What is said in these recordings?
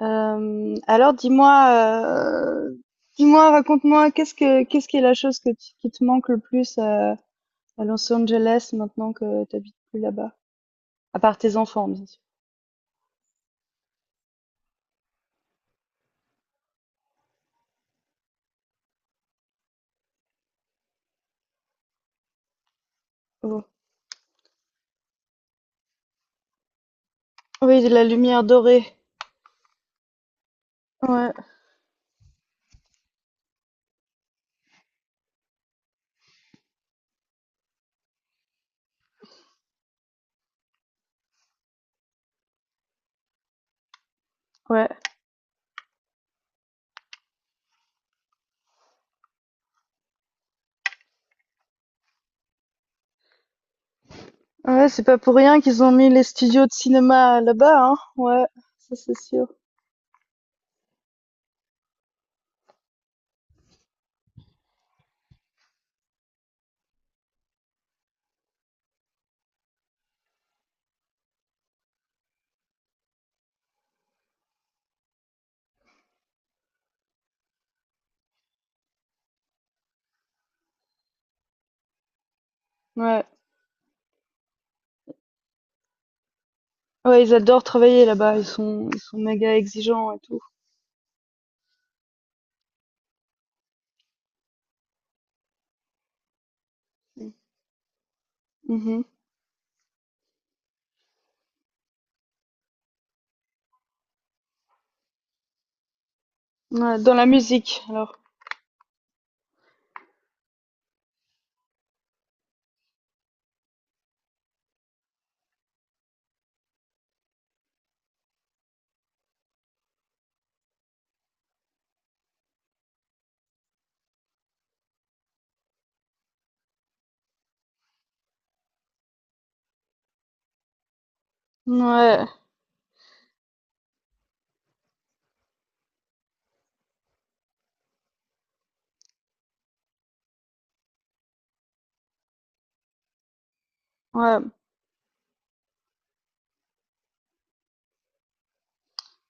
Alors dis-moi, dis-moi, raconte-moi, qu'est-ce qui est la chose que tu qui te manque le plus, à Los Angeles maintenant que tu habites plus là-bas? À part tes enfants, bien sûr. Oh. Oui, de la lumière dorée. Ouais, ouais. Ouais, c'est pas pour rien qu'ils ont mis les studios de cinéma là-bas, hein. Ouais, ça c'est sûr. Ouais. Ouais, ils adorent travailler là-bas, ils sont méga exigeants et tout. Mhm. Ouais, dans la musique alors. Ouais, ouais.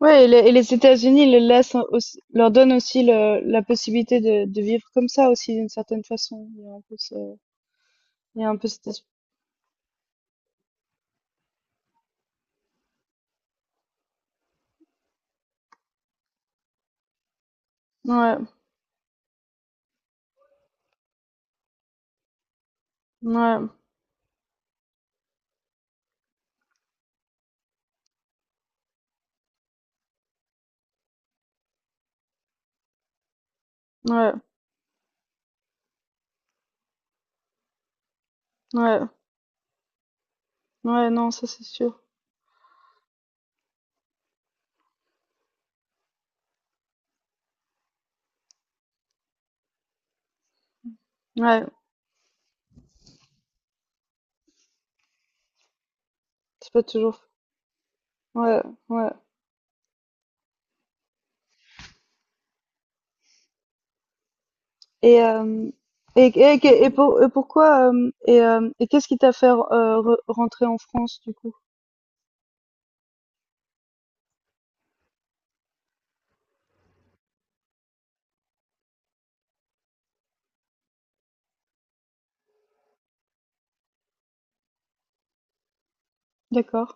Ouais, et les États-Unis le laissent aussi, leur donnent aussi la possibilité de vivre comme ça aussi d'une certaine façon. Il y a un peu ce, il y a un peu ouais, ouais, ouais, ouais, ouais, non, ça c'est sûr. Ouais, c'est pas toujours. Ouais, ouais. Et euh, et pour, pourquoi et qu'est-ce qui t'a fait rentrer en France du coup? D'accord.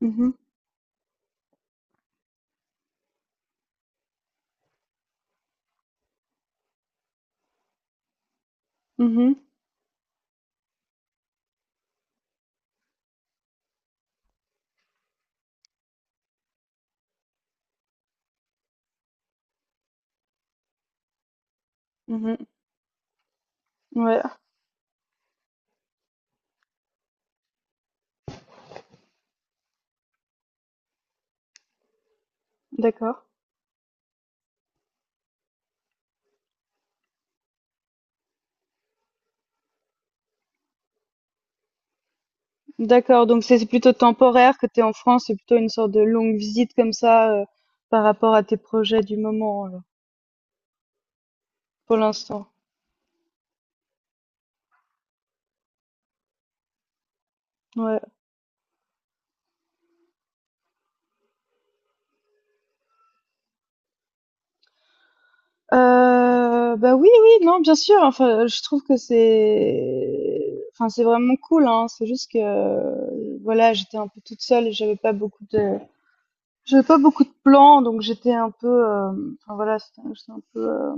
Mhm, mhm, mhm. Ouais, d'accord. D'accord, donc c'est plutôt temporaire que tu es en France, c'est plutôt une sorte de longue visite comme ça par rapport à tes projets du moment alors, pour l'instant. Ouais. Bah oui, oui, non, bien sûr. Enfin, je trouve que c'est, enfin, c'est vraiment cool, hein. C'est juste que, voilà, j'étais un peu toute seule et j'avais pas beaucoup de, j'avais pas beaucoup de plans, donc j'étais un peu, enfin voilà, j'étais un peu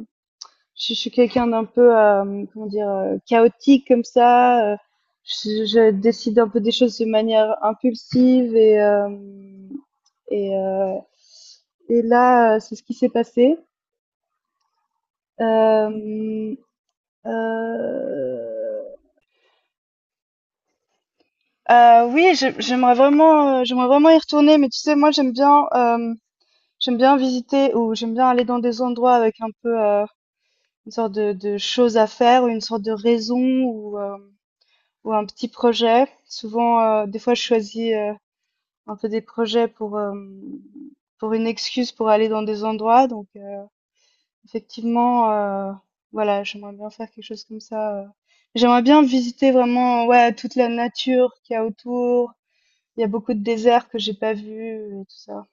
je suis quelqu'un d'un peu, comment dire, chaotique comme ça. Je décide un peu des choses de manière impulsive et et là, c'est ce qui s'est passé. Euh, euh, oui, j'aimerais vraiment y retourner, mais tu sais, moi, j'aime bien visiter ou j'aime bien aller dans des endroits avec un peu une sorte de choses à faire ou une sorte de raison ou euh, ou un petit projet. Souvent, des fois, je choisis, un peu des projets pour, pour une excuse pour aller dans des endroits. Donc, effectivement, voilà, j'aimerais bien faire quelque chose comme ça, J'aimerais bien visiter vraiment, ouais, toute la nature qu'il y a autour. Il y a beaucoup de déserts que j'ai pas vus et tout ça.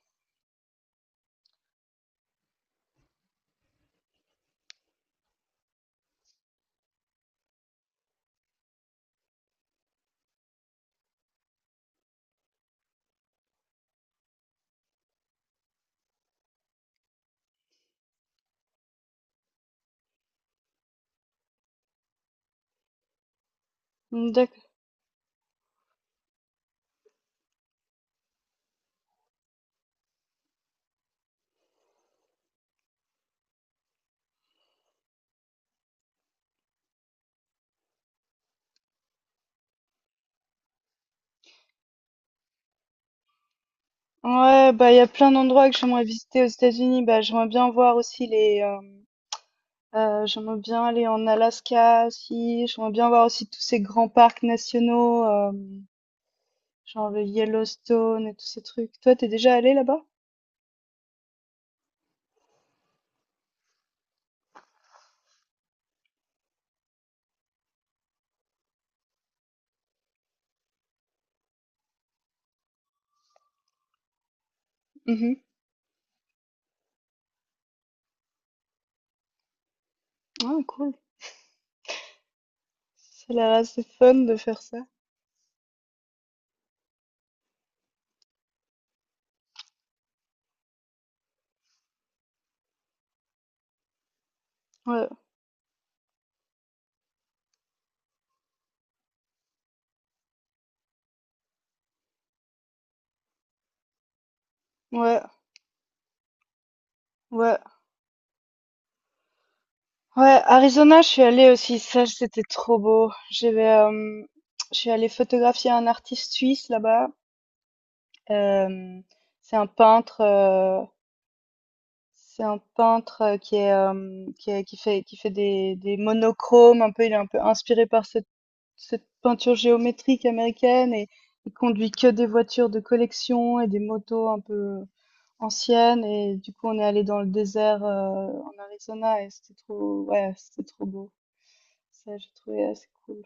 Mmh, d'acc ouais, bah, il y a plein d'endroits que j'aimerais visiter aux États-Unis. Bah, j'aimerais bien voir aussi les, hem j'aimerais bien aller en Alaska aussi. J'aimerais bien voir aussi tous ces grands parcs nationaux, genre le Yellowstone et tous ces trucs. Toi, t'es déjà allé là-bas? Mhm. Ah, cool. C'est là, c'est fun de faire ça. Ouais, ouais, ouais. Ouais, Arizona, je suis allée aussi. Ça, c'était trop beau. J'avais, je suis allée photographier un artiste suisse là-bas. Euh, c'est un peintre. C'est un peintre, qui est, qui est qui fait des monochromes un peu, il est un peu inspiré par cette cette peinture géométrique américaine et il conduit que des voitures de collection et des motos un peu anciennes et du coup, on est allé dans le désert, en Arizona et c'était trop ouais, c'était trop beau. Ça, j'ai trouvé assez cool.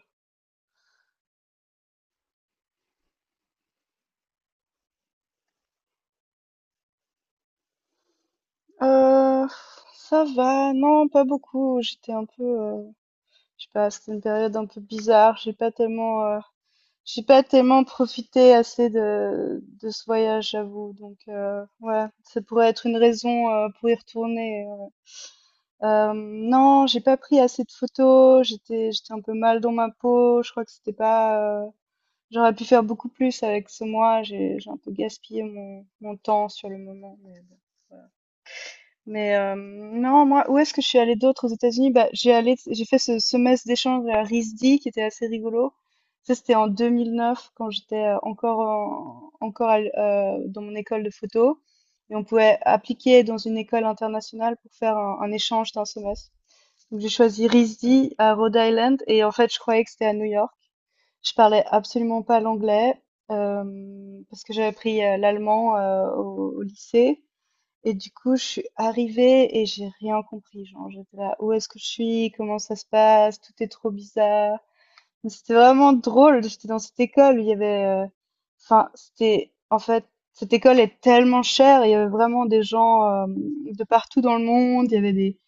Heu, ça va, non, pas beaucoup. Je sais pas, c'était une période un peu bizarre. J'ai pas tellement profité assez de ce voyage, j'avoue. Donc, ouais, ça pourrait être une raison, pour y retourner. Non, j'ai pas pris assez de photos. J'étais un peu mal dans ma peau. Je crois que c'était pas, j'aurais pu faire beaucoup plus avec ce mois. J'ai un peu gaspillé mon temps sur le moment. Mais bon. Mais non, moi, où est-ce que je suis allée d'autre aux États-Unis? Bah, j'ai allé, j'ai fait ce semestre d'échange à RISD qui était assez rigolo. Ça, c'était en 2009 quand j'étais encore à dans mon école de photo. Et on pouvait appliquer dans une école internationale pour faire un échange d'un semestre. Donc, j'ai choisi RISD à Rhode Island et en fait, je croyais que c'était à New York. Je parlais absolument pas l'anglais parce que j'avais appris l'allemand au lycée. Et du coup, je suis arrivée et j'ai rien compris. Genre, j'étais là, où est-ce que je suis? Comment ça se passe? Tout est trop bizarre. Mais c'était vraiment drôle. J'étais dans cette école où il y avait, enfin, c'était, en fait, cette école est tellement chère. Il y avait vraiment des gens de partout dans le monde. Il y avait des,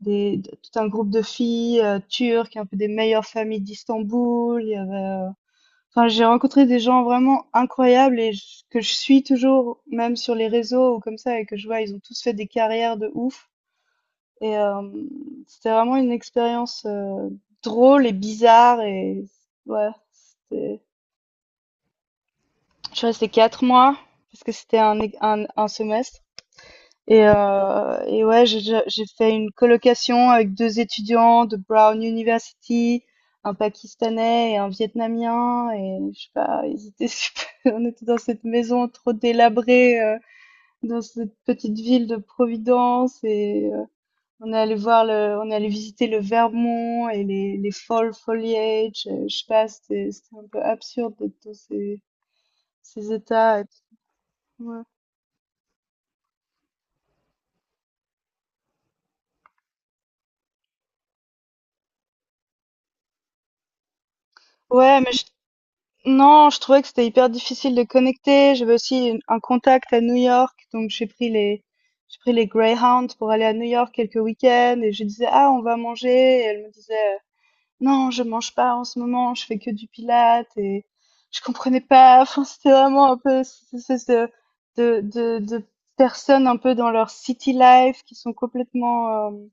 tout un groupe de filles turques, un peu des meilleures familles d'Istanbul. Il y avait, enfin, j'ai rencontré des gens vraiment incroyables et que je suis toujours, même sur les réseaux ou comme ça, et que je vois, ils ont tous fait des carrières de ouf. Et c'était vraiment une expérience drôle et bizarre. Et ouais, je suis restée 4 mois parce que c'était un semestre. Et ouais, j'ai fait une colocation avec 2 étudiants de Brown University, un Pakistanais et un Vietnamien et je sais pas, ils étaient super on était dans cette maison trop délabrée, dans cette petite ville de Providence et on est allé visiter le Vermont et les fall foliage, je sais pas, c'était un peu absurde d'être dans ces ces états ouais. Ouais, mais non, je trouvais que c'était hyper difficile de connecter. J'avais aussi un contact à New York, donc j'ai pris les Greyhounds pour aller à New York quelques week-ends et je disais ah on va manger et elle me disait non je mange pas en ce moment, je fais que du pilates et je comprenais pas. Enfin c'était vraiment un peu cette espèce de de personnes un peu dans leur city life qui sont complètement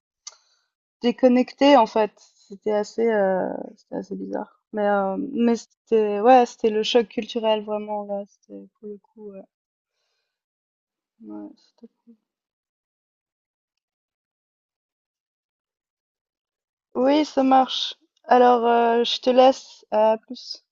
déconnecté en fait, c'était assez bizarre. Mais c'était ouais, c'était le choc culturel vraiment là, c'était pour le coup, ouais. Ouais, c'était cool. Oui, ça marche. Alors, je te laisse, à plus.